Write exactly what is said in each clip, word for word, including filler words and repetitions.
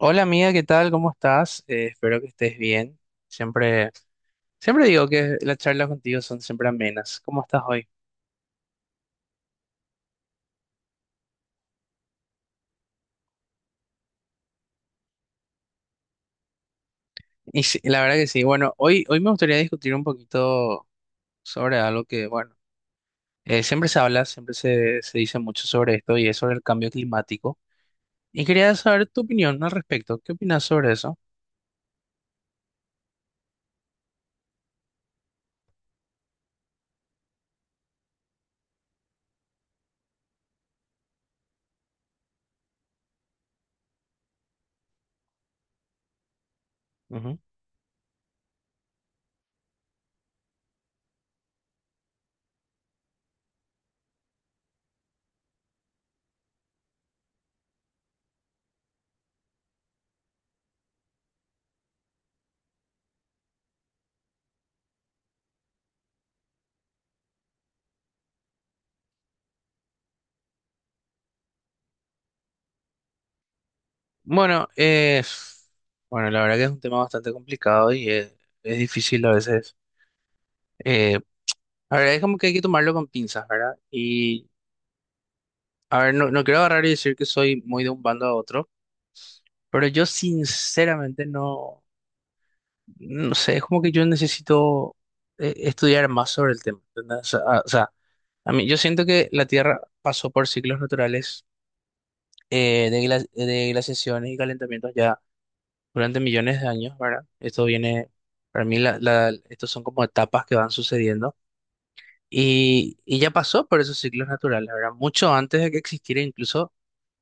Hola amiga, ¿qué tal? ¿Cómo estás? Eh, espero que estés bien. Siempre, siempre digo que las charlas contigo son siempre amenas. ¿Cómo estás hoy? Y sí, la verdad que sí. Bueno, hoy, hoy me gustaría discutir un poquito sobre algo que, bueno, eh, siempre se habla, siempre se, se dice mucho sobre esto y es sobre el cambio climático. Y quería saber tu opinión al respecto. ¿Qué opinas sobre eso? Ujú. Bueno, eh, bueno, la verdad que es un tema bastante complicado y es, es difícil a veces. Eh, a ver, es como que hay que tomarlo con pinzas, ¿verdad? Y, a ver, no, no quiero agarrar y decir que soy muy de un bando a otro, pero yo sinceramente no, no sé, es como que yo necesito eh, estudiar más sobre el tema, ¿entendés? O sea, a- o sea, a mí, yo siento que la Tierra pasó por ciclos naturales eh, de, gla- de glaciaciones y calentamientos ya durante millones de años, ¿verdad? Esto viene, para mí, la, la- estos son como etapas que van sucediendo y, y ya pasó por esos ciclos naturales, ¿verdad? Mucho antes de que existiera incluso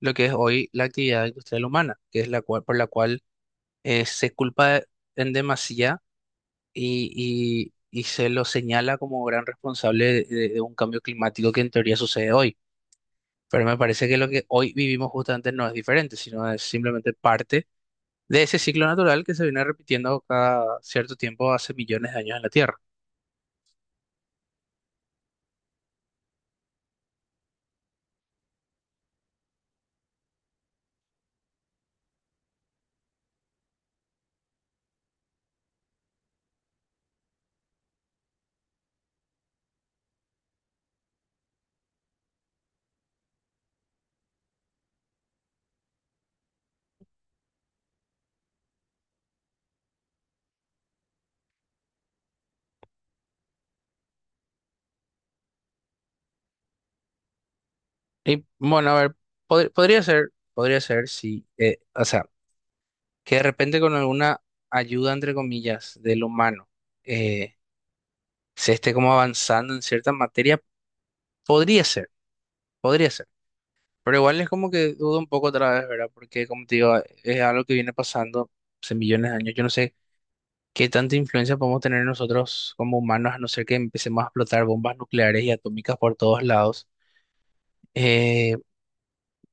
lo que es hoy la actividad industrial humana, que es la cual, por la cual eh, se culpa en demasía y, y, y se lo señala como gran responsable de, de- de un cambio climático que en teoría sucede hoy. Pero me parece que lo que hoy vivimos justamente no es diferente, sino es simplemente parte de ese ciclo natural que se viene repitiendo cada cierto tiempo hace millones de años en la Tierra. Y bueno, a ver, pod- podría ser, podría ser si, eh, o sea, que de repente con alguna ayuda, entre comillas, del humano, eh, se esté como avanzando en cierta materia, podría ser, podría ser. Pero igual es como que dudo un poco otra vez, ¿verdad? Porque como te digo, es algo que viene pasando hace millones de años. Yo no sé qué tanta influencia podemos tener nosotros como humanos, a no ser que empecemos a explotar bombas nucleares y atómicas por todos lados. Eh,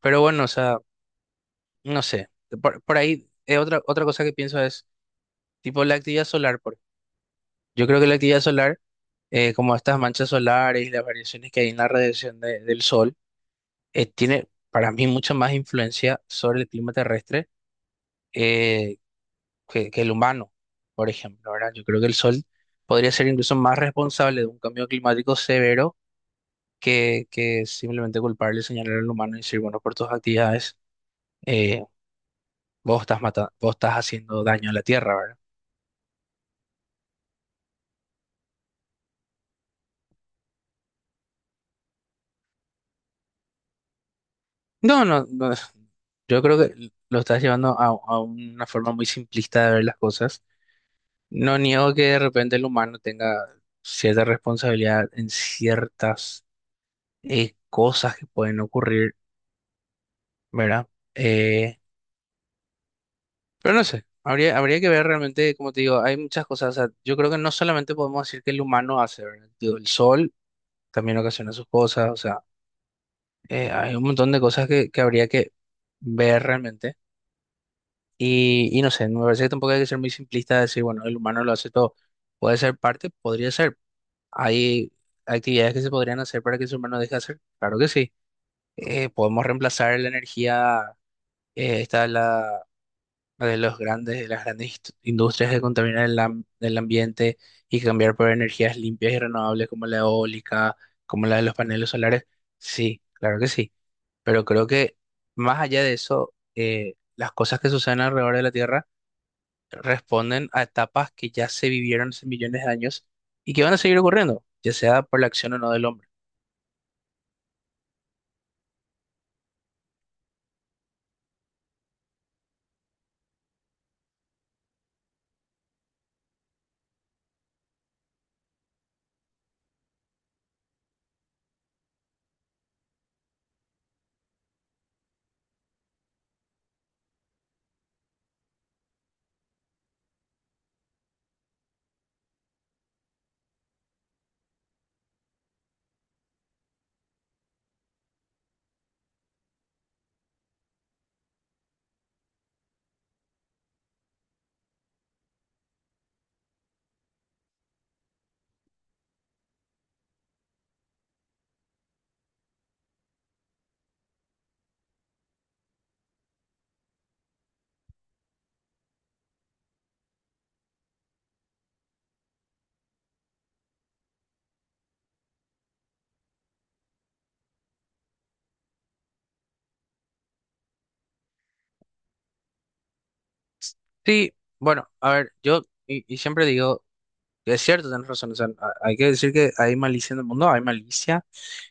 pero bueno, o sea, no sé. Por, por ahí, eh, otra, otra cosa que pienso es, tipo, la actividad solar. Por, yo creo que la actividad solar, eh, como estas manchas solares y las variaciones que hay en la radiación de- del sol, eh, tiene para mí mucha más influencia sobre el clima terrestre eh, que, que el humano, por ejemplo, ¿verdad? Yo creo que el sol podría ser incluso más responsable de un cambio climático severo que, que simplemente culparle, señalar al humano y decir, bueno, por tus actividades. eh, Vos estás matando, vos estás haciendo daño a la tierra, ¿verdad? No, no, no. Yo creo que lo estás llevando a, a una forma muy simplista de ver las cosas. No niego que de repente el humano tenga cierta responsabilidad en ciertas eh, cosas que pueden ocurrir, ¿verdad? Eh, pero no sé, habría, habría que ver realmente, como te digo, hay muchas cosas. O sea, yo creo que no solamente podemos decir que el humano hace, ¿verdad? Digo, el sol también ocasiona sus cosas, o sea, eh, hay un montón de cosas que, que habría que ver realmente. Y, y no sé, me parece que tampoco hay que ser muy simplista de decir, bueno, el humano lo hace todo. Puede ser parte, podría ser. Hay actividades que se podrían hacer para que el ser humano deje de hacer. Claro que sí. Eh, podemos reemplazar la energía, eh, esta de la, de los grandes, de las grandes inst- industrias que contaminan el, am- el ambiente y cambiar por energías limpias y renovables como la eólica, como la de los paneles solares. Sí, claro que sí. Pero creo que más allá de eso, eh, las cosas que suceden alrededor de la Tierra responden a etapas que ya se vivieron hace millones de años y que van a seguir ocurriendo, ya sea por la acción o no del hombre. Sí, bueno, a ver, yo y, y siempre digo, es cierto, tienes razón, o sea, a- hay que decir que hay malicia en el mundo, hay malicia,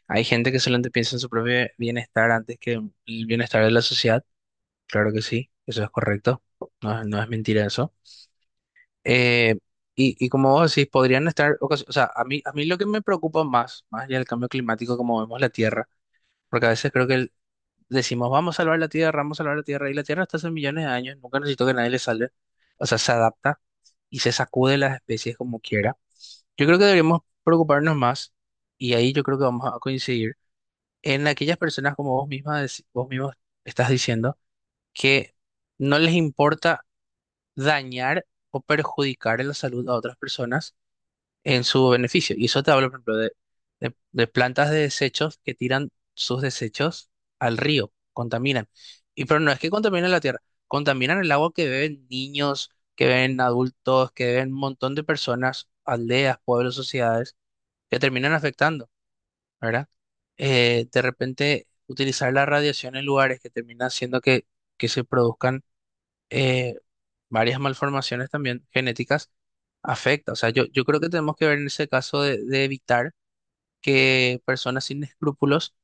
hay gente que solamente piensa en su propio bienestar antes que en el bienestar de la sociedad, claro que sí, eso es correcto, no, es- no es mentira eso. Eh, y, y como vos decís, podrían estar, ocasi- o sea, a mí, a mí lo que me preocupa más, más allá del cambio climático, como vemos la Tierra, porque a veces creo que el, decimos, vamos a salvar la Tierra, vamos a salvar la Tierra, y la Tierra está hace millones de años, nunca necesitó que nadie le salve. O sea, se adapta y se sacude las especies como quiera. Yo creo que deberíamos preocuparnos más, y ahí yo creo que vamos a coincidir, en aquellas personas como vos misma, dec- vos mismos estás diciendo, que no les importa dañar o perjudicar en la salud a otras personas en su beneficio. Y eso te hablo, por ejemplo, de, de- de plantas de desechos que tiran sus desechos al río, contaminan. Y pero no es que contaminan la tierra, contaminan el agua que beben niños, que beben adultos, que beben un montón de personas, aldeas, pueblos, sociedades, que terminan afectando, ¿verdad? Eh, de repente utilizar la radiación en lugares que termina haciendo que, que se produzcan eh, varias malformaciones también genéticas afecta. O sea, yo, yo creo que tenemos que ver en ese caso de, de evitar que personas sin escrúpulos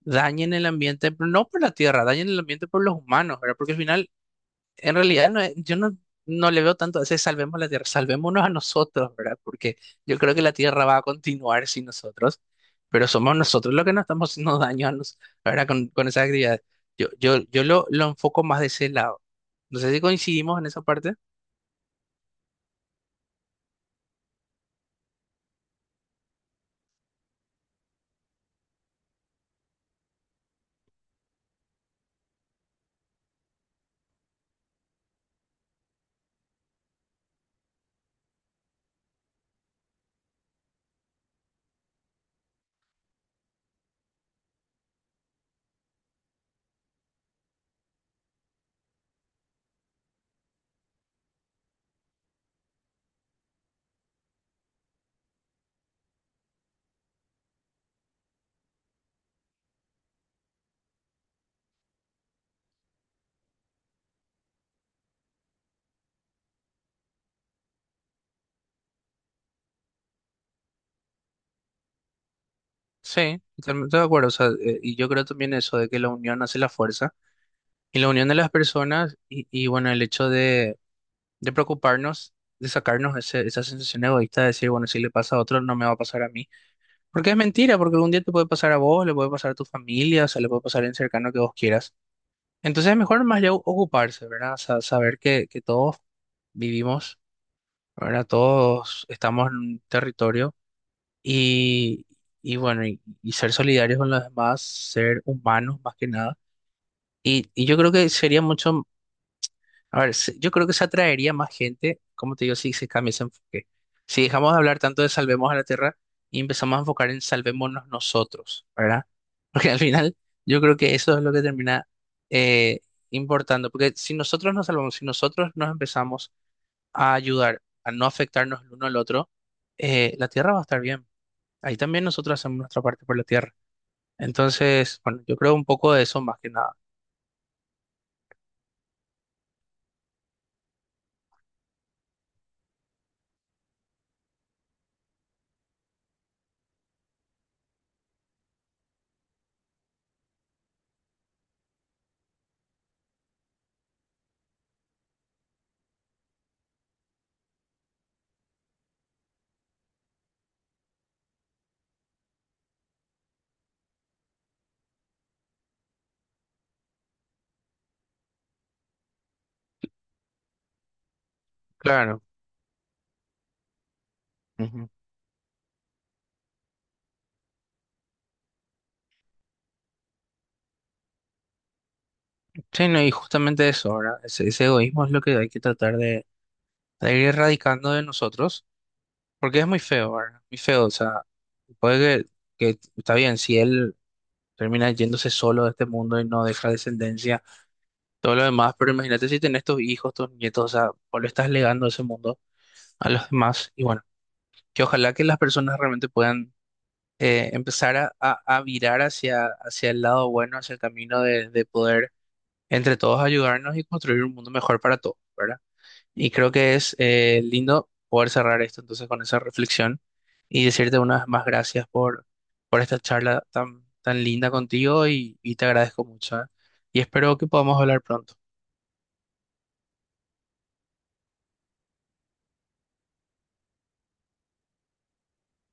dañen el ambiente, pero no por la tierra, dañen el ambiente por los humanos, ¿verdad? Porque al final, en realidad, no es- yo no, no le veo tanto a ese salvemos la tierra, salvémonos a nosotros, ¿verdad? Porque yo creo que la tierra va a continuar sin nosotros, pero somos nosotros los que nos estamos haciendo daño a nos, ¿verdad? Con, con esas actividades. Yo, yo, yo lo, lo enfoco más de ese lado. No sé si coincidimos en esa parte. Sí, totalmente de acuerdo. O sea, eh, y yo creo también eso de que la unión hace la fuerza y la unión de las personas y, y bueno, el hecho de, de preocuparnos, de sacarnos ese- esa sensación egoísta de decir, bueno, si le pasa a otro, no me va a pasar a mí. Porque es mentira, porque un día te puede pasar a vos, le puede pasar a tu familia, o sea, le puede pasar a alguien cercano que vos quieras. Entonces es mejor más ya o- ocuparse, ¿verdad? O sea, saber que, que todos vivimos, ¿verdad? Todos estamos en un territorio y, y bueno, y, y ser solidarios con los demás, ser humanos más que nada. Y, y yo creo que sería mucho, a ver, se- yo creo que se atraería más gente, como te digo, si se cambia ese enfoque. Si dejamos de hablar tanto de salvemos a la tierra y empezamos a enfocar en salvémonos nosotros, ¿verdad? Porque al final yo creo que eso es lo que termina eh, importando, porque si nosotros nos salvamos, si nosotros nos empezamos a ayudar, a no afectarnos el uno al otro, eh, la tierra va a estar bien. Ahí también nosotros hacemos nuestra parte por la tierra. Entonces, bueno, yo creo un poco de eso más que nada. Claro. Ujú. Sí, no, y justamente eso, ¿verdad? Ese, ese egoísmo es lo que hay que tratar de, de ir erradicando de nosotros, porque es muy feo, ¿verdad? Muy feo, o sea, puede que, que está bien, si él termina yéndose solo de este mundo y no deja descendencia, todo lo demás, pero imagínate si tenés tus hijos, tus nietos, o sea, vos le estás legando ese mundo a los demás, y bueno, que ojalá que las personas realmente puedan eh, empezar a, a- a virar hacia, hacia el lado bueno, hacia el camino de, de poder entre todos ayudarnos y construir un mundo mejor para todos, ¿verdad? Y creo que es eh, lindo poder cerrar esto entonces con esa reflexión y decirte unas más gracias por, por esta charla tan, tan linda contigo y, y te agradezco mucho, ¿eh? Y espero que podamos hablar pronto.